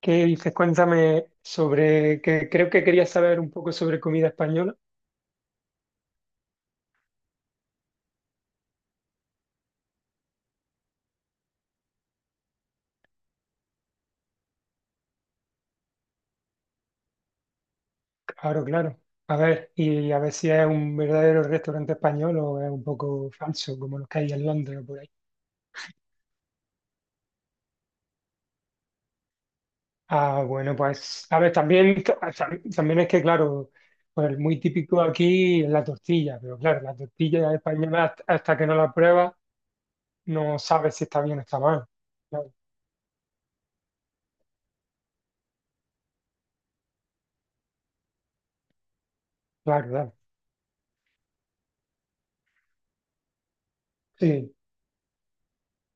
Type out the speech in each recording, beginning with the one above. ¿Qué dices? Cuéntame sobre que creo que querías saber un poco sobre comida española. Claro, claro. A ver, y a ver si es un verdadero restaurante español o es un poco falso, como los que hay en Londres o por ahí. Bueno, pues, a ver, también, es que, claro, pues muy típico aquí es la tortilla, pero claro, la tortilla española hasta que no la pruebas no sabes si está bien o está mal. Claro, claro, claro. Sí.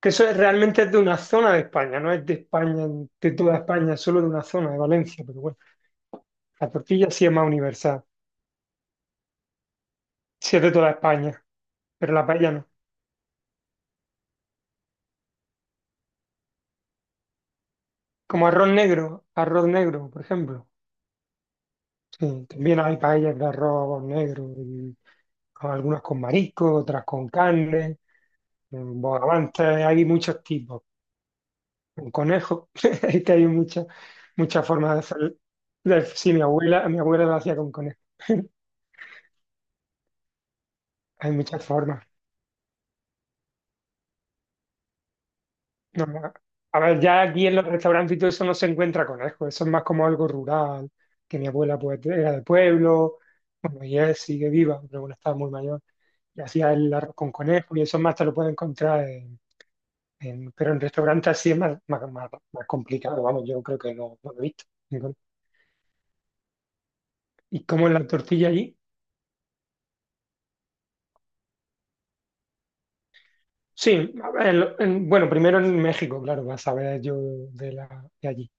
Que eso es, realmente es de una zona de España, no es de España, de toda España, es solo de una zona, de Valencia, pero bueno, la tortilla sí es más universal, sí es de toda España, pero la paella no. Como arroz negro, por ejemplo. Sí, también hay paellas de arroz negro, y algunas con marisco, otras con carne, bogavantes, hay muchos tipos, con conejo, es que hay muchas formas de hacer. Sí, mi abuela lo hacía con conejo. Hay muchas formas. No, no. A ver, ya aquí en los restaurantes y todo eso no se encuentra conejo, eso es más como algo rural, que mi abuela pues era de pueblo, bueno, y es, sigue viva, pero bueno, estaba muy mayor, y hacía el arroz con conejo, y eso más te lo puedes encontrar pero en restaurantes así es más, más, más complicado, vamos, yo creo que no, no lo he visto. ¿Y cómo es la tortilla allí? Sí, a ver, bueno, primero en México, claro, vas a ver yo de, la, de allí.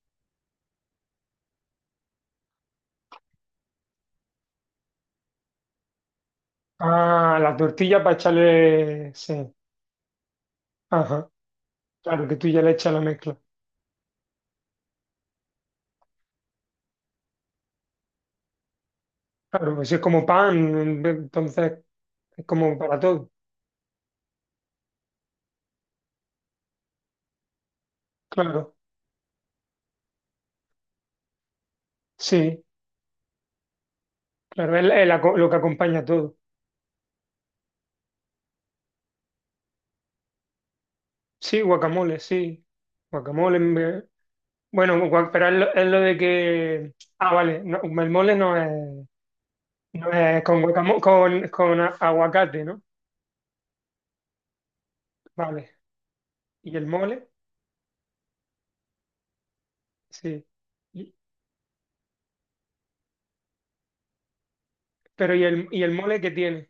Ah, la tortilla para echarle, sí, ajá. Claro que tú ya le echas la mezcla. Claro, pues es como pan, entonces es como para todo. Claro, sí, claro, es, es lo que acompaña todo. Sí, guacamole, sí. Guacamole, bueno, pero es lo de que... Ah, vale, no, el mole no es, no es con guacamole, con, con aguacate, ¿no? Vale, y el mole, sí. Y- pero y el mole qué tiene?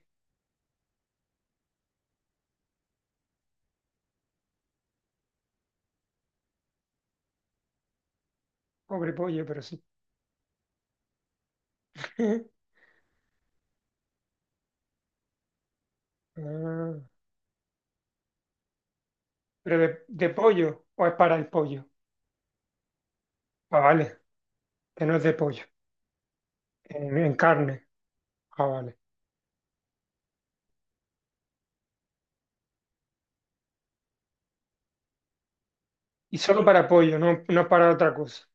Pobre pollo, pero sí. Ah, pero de pollo o es para el pollo. Ah, vale. Que no es de pollo, en carne. Ah, vale. ¿Y solo para pollo, no, no para otra cosa?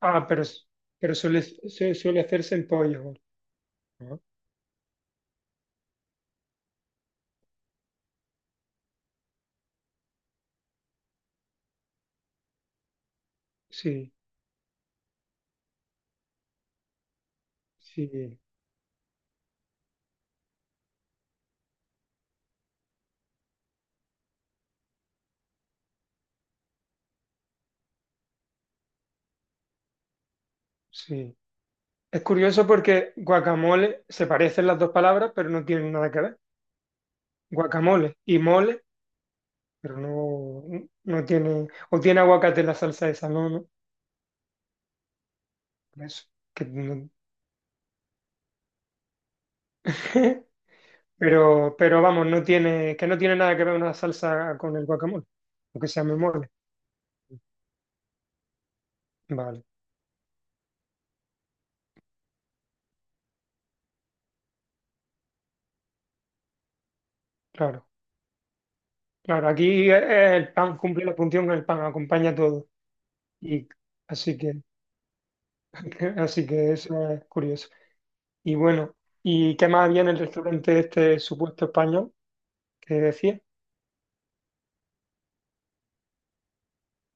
Ah, pero, s- pero suele, suele hacerse en pollo. Vale. Ah, sí, sí, sí. Es curioso porque guacamole se parecen las dos palabras, pero no tienen nada que ver. Guacamole y mole, pero no, no tiene. ¿O tiene aguacate la salsa esa? No, no. Por eso. Que no... pero vamos, no tiene, que no tiene nada que ver una salsa con el guacamole, aunque se llame mole. Vale. Claro, claro. Aquí el pan cumple la función, que el pan acompaña todo. Y así que, así que eso es curioso. Y bueno, ¿y qué más había en el restaurante este supuesto español que decía?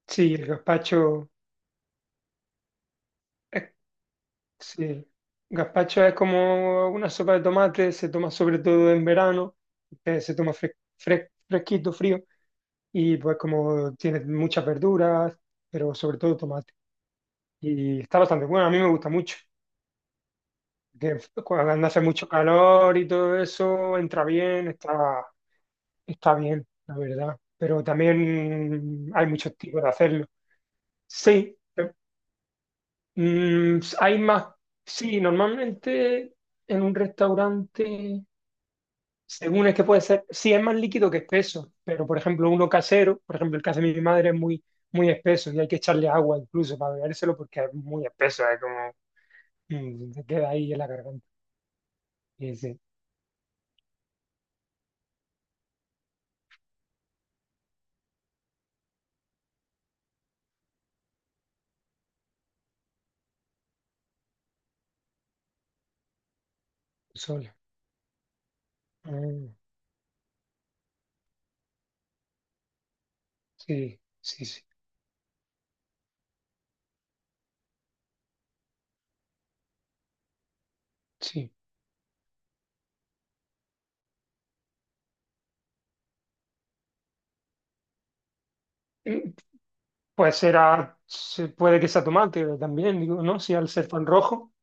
Sí, el gazpacho. eh, sí, gazpacho es como una sopa de tomate, se toma sobre todo en verano, se toma fresquito, frío. Y pues como tiene muchas verduras, pero sobre todo tomate. Y está bastante bueno, a mí me gusta mucho. Que cuando hace mucho calor y todo eso, entra bien, está, está bien, la verdad. Pero también hay muchos tipos de hacerlo. Sí, hay más. Sí, normalmente en un restaurante, según es que puede ser, sí es más líquido que espeso, pero por ejemplo uno casero, por ejemplo el que hace mi madre es muy, muy espeso y hay que echarle agua incluso para bebérselo porque es muy espeso, es como se queda ahí en la garganta. Y dice, solo. Sí, sí, sí, sí. Eh, Pues será, puede que sea tomate también, digo, ¿no? Si al ser tan rojo.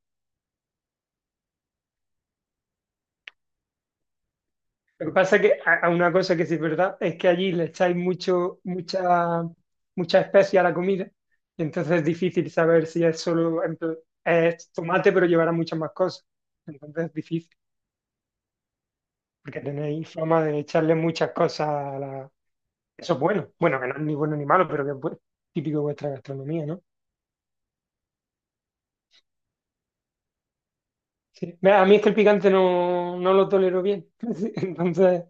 Lo que pasa es que a una cosa que sí es verdad es que allí le echáis mucho, mucha, mucha especia a la comida, y entonces es difícil saber si es solo, es tomate, pero llevará muchas más cosas. Entonces es difícil, porque tenéis fama de echarle muchas cosas a la... Eso es bueno. Bueno, que no es ni bueno ni malo, pero que es típico de vuestra gastronomía, ¿no? Sí. Mira, a mí es que el picante no, no lo tolero bien. Entonces,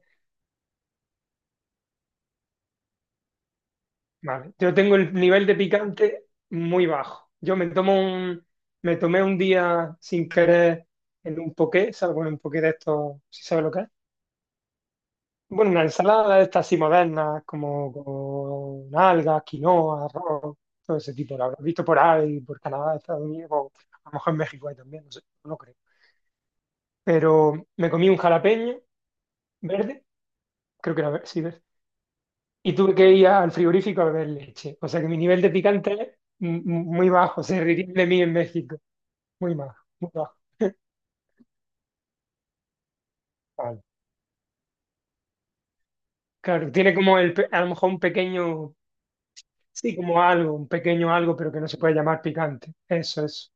vale. Yo tengo el nivel de picante muy bajo. Yo me tomo un, me tomé un día sin querer en un poké, ¿sabes? Bueno, un poké de esto, si sabes lo que es. Bueno, una ensalada de estas así modernas, como con algas, quinoa, arroz, todo ese tipo. Lo habrás visto por ahí, por Canadá, Estados Unidos, o a lo mejor en México hay también, no sé, no creo. Pero me comí un jalapeño verde, creo que era verde, sí, y tuve que ir al frigorífico a beber leche. O sea que mi nivel de picante es m- muy bajo, se reirían de mí en México. Muy bajo, muy bajo. Vale. Claro, tiene como el, a lo mejor un pequeño, sí, como algo, un pequeño algo, pero que no se puede llamar picante. Eso es.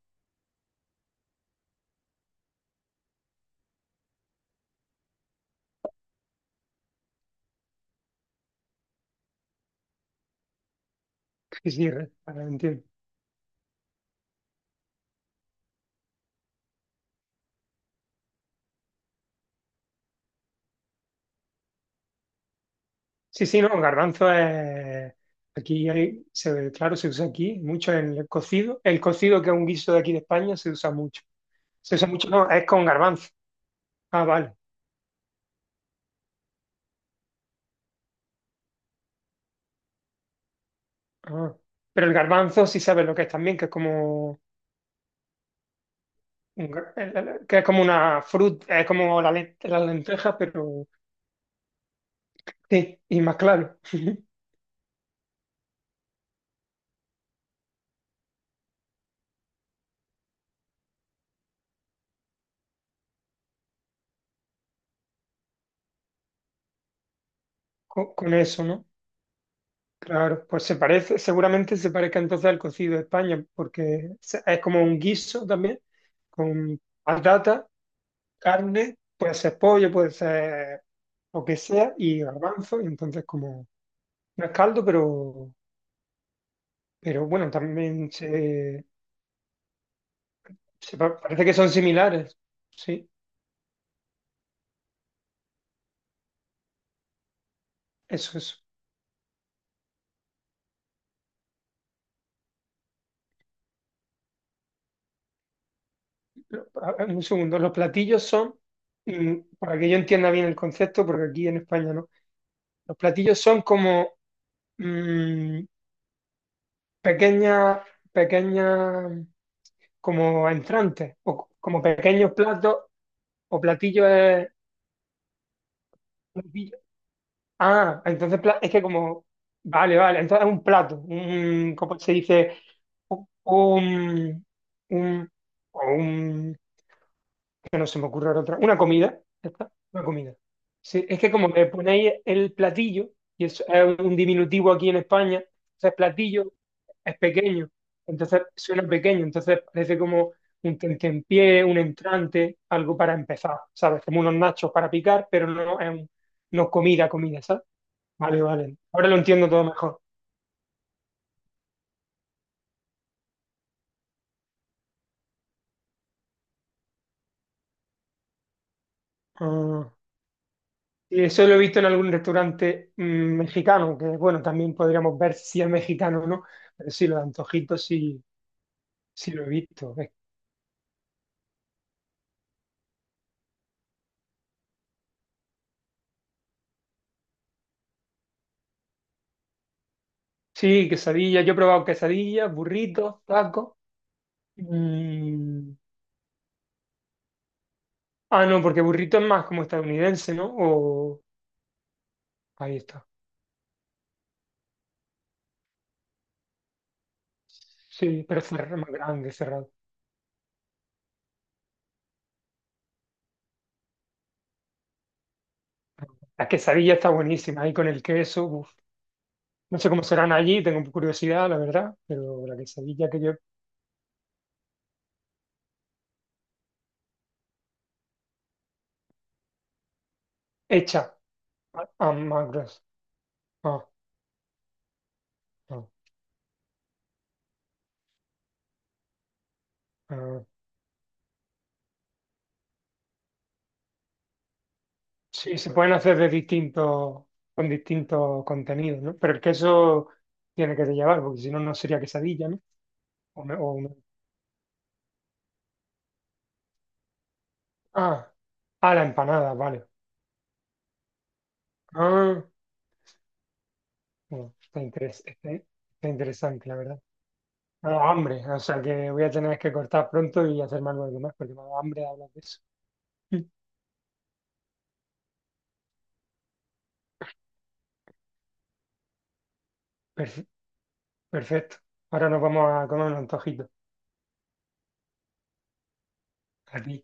Sí, sí, ahora entiendo. Sí, sí, no, garbanzo es, aquí hay, se, claro, se usa aquí mucho en el cocido. El cocido, que es un guiso de aquí de España, se usa mucho. Se usa mucho, no, es con garbanzo. Ah, vale. Ah, pero el garbanzo sí sabes lo que es también, que es como un que es como una fruta, es como la, la lenteja, pero sí, y más claro, con eso, ¿no? Claro, pues se parece, seguramente se parezca entonces al cocido de España, porque es como un guiso también, con patata, carne, puede ser pollo, puede ser lo que sea, y garbanzo, y entonces como no es caldo, pero bueno, también se, parece que son similares. Sí, eso es. Un segundo. Los platillos son, mm, para que yo entienda bien el concepto, porque aquí en España no. Los platillos son como mm, pequeñas, pequeñas, como entrantes, o como pequeños platos o platillos. Platillo. Ah, entonces es que como, vale, vale, entonces es un plato, un, ¿cómo se dice? Un, un- o un, que no se me ocurra ahora otra. Una comida, ya está, una comida. Sí, es que como me ponéis el platillo, y es un diminutivo aquí en España, entonces platillo es pequeño, entonces suena pequeño, entonces parece como un tentempié, un entrante, algo para empezar, ¿sabes? Como unos nachos para picar, pero no es un- no comida, comida, ¿sabes? Vale, vale. Ahora lo entiendo todo mejor. Ah. Y eso lo he visto en algún restaurante mexicano, que bueno, también podríamos ver si es mexicano o no, pero sí, los antojitos sí, sí lo he visto. Sí, quesadillas, yo he probado quesadillas, burritos, tacos. mm, Ah, no, porque burrito es más como estadounidense, ¿no? O... Ahí está. Sí, pero cerrado, más grande, cerrado. La quesadilla está buenísima, ahí con el queso. Uf. No sé cómo serán allí, tengo curiosidad, la verdad, pero la quesadilla que yo hecha a más gruesa. Ah, ah, ah. Sí, se pueden hacer de distintos, con distintos contenidos, ¿no? Pero el queso tiene que llevar, porque si no, no sería quesadilla, ¿no? O me- o una- ah, ah, la empanada, vale. Ah, bueno, está, está interesante, la verdad. Me ha dado hambre, o sea que voy a tener que cortar pronto y hacerme algo más, porque me ha dado hambre de hablar de eso. Mm, perfe- Perfecto. Ahora nos vamos a comer un antojito. Aquí.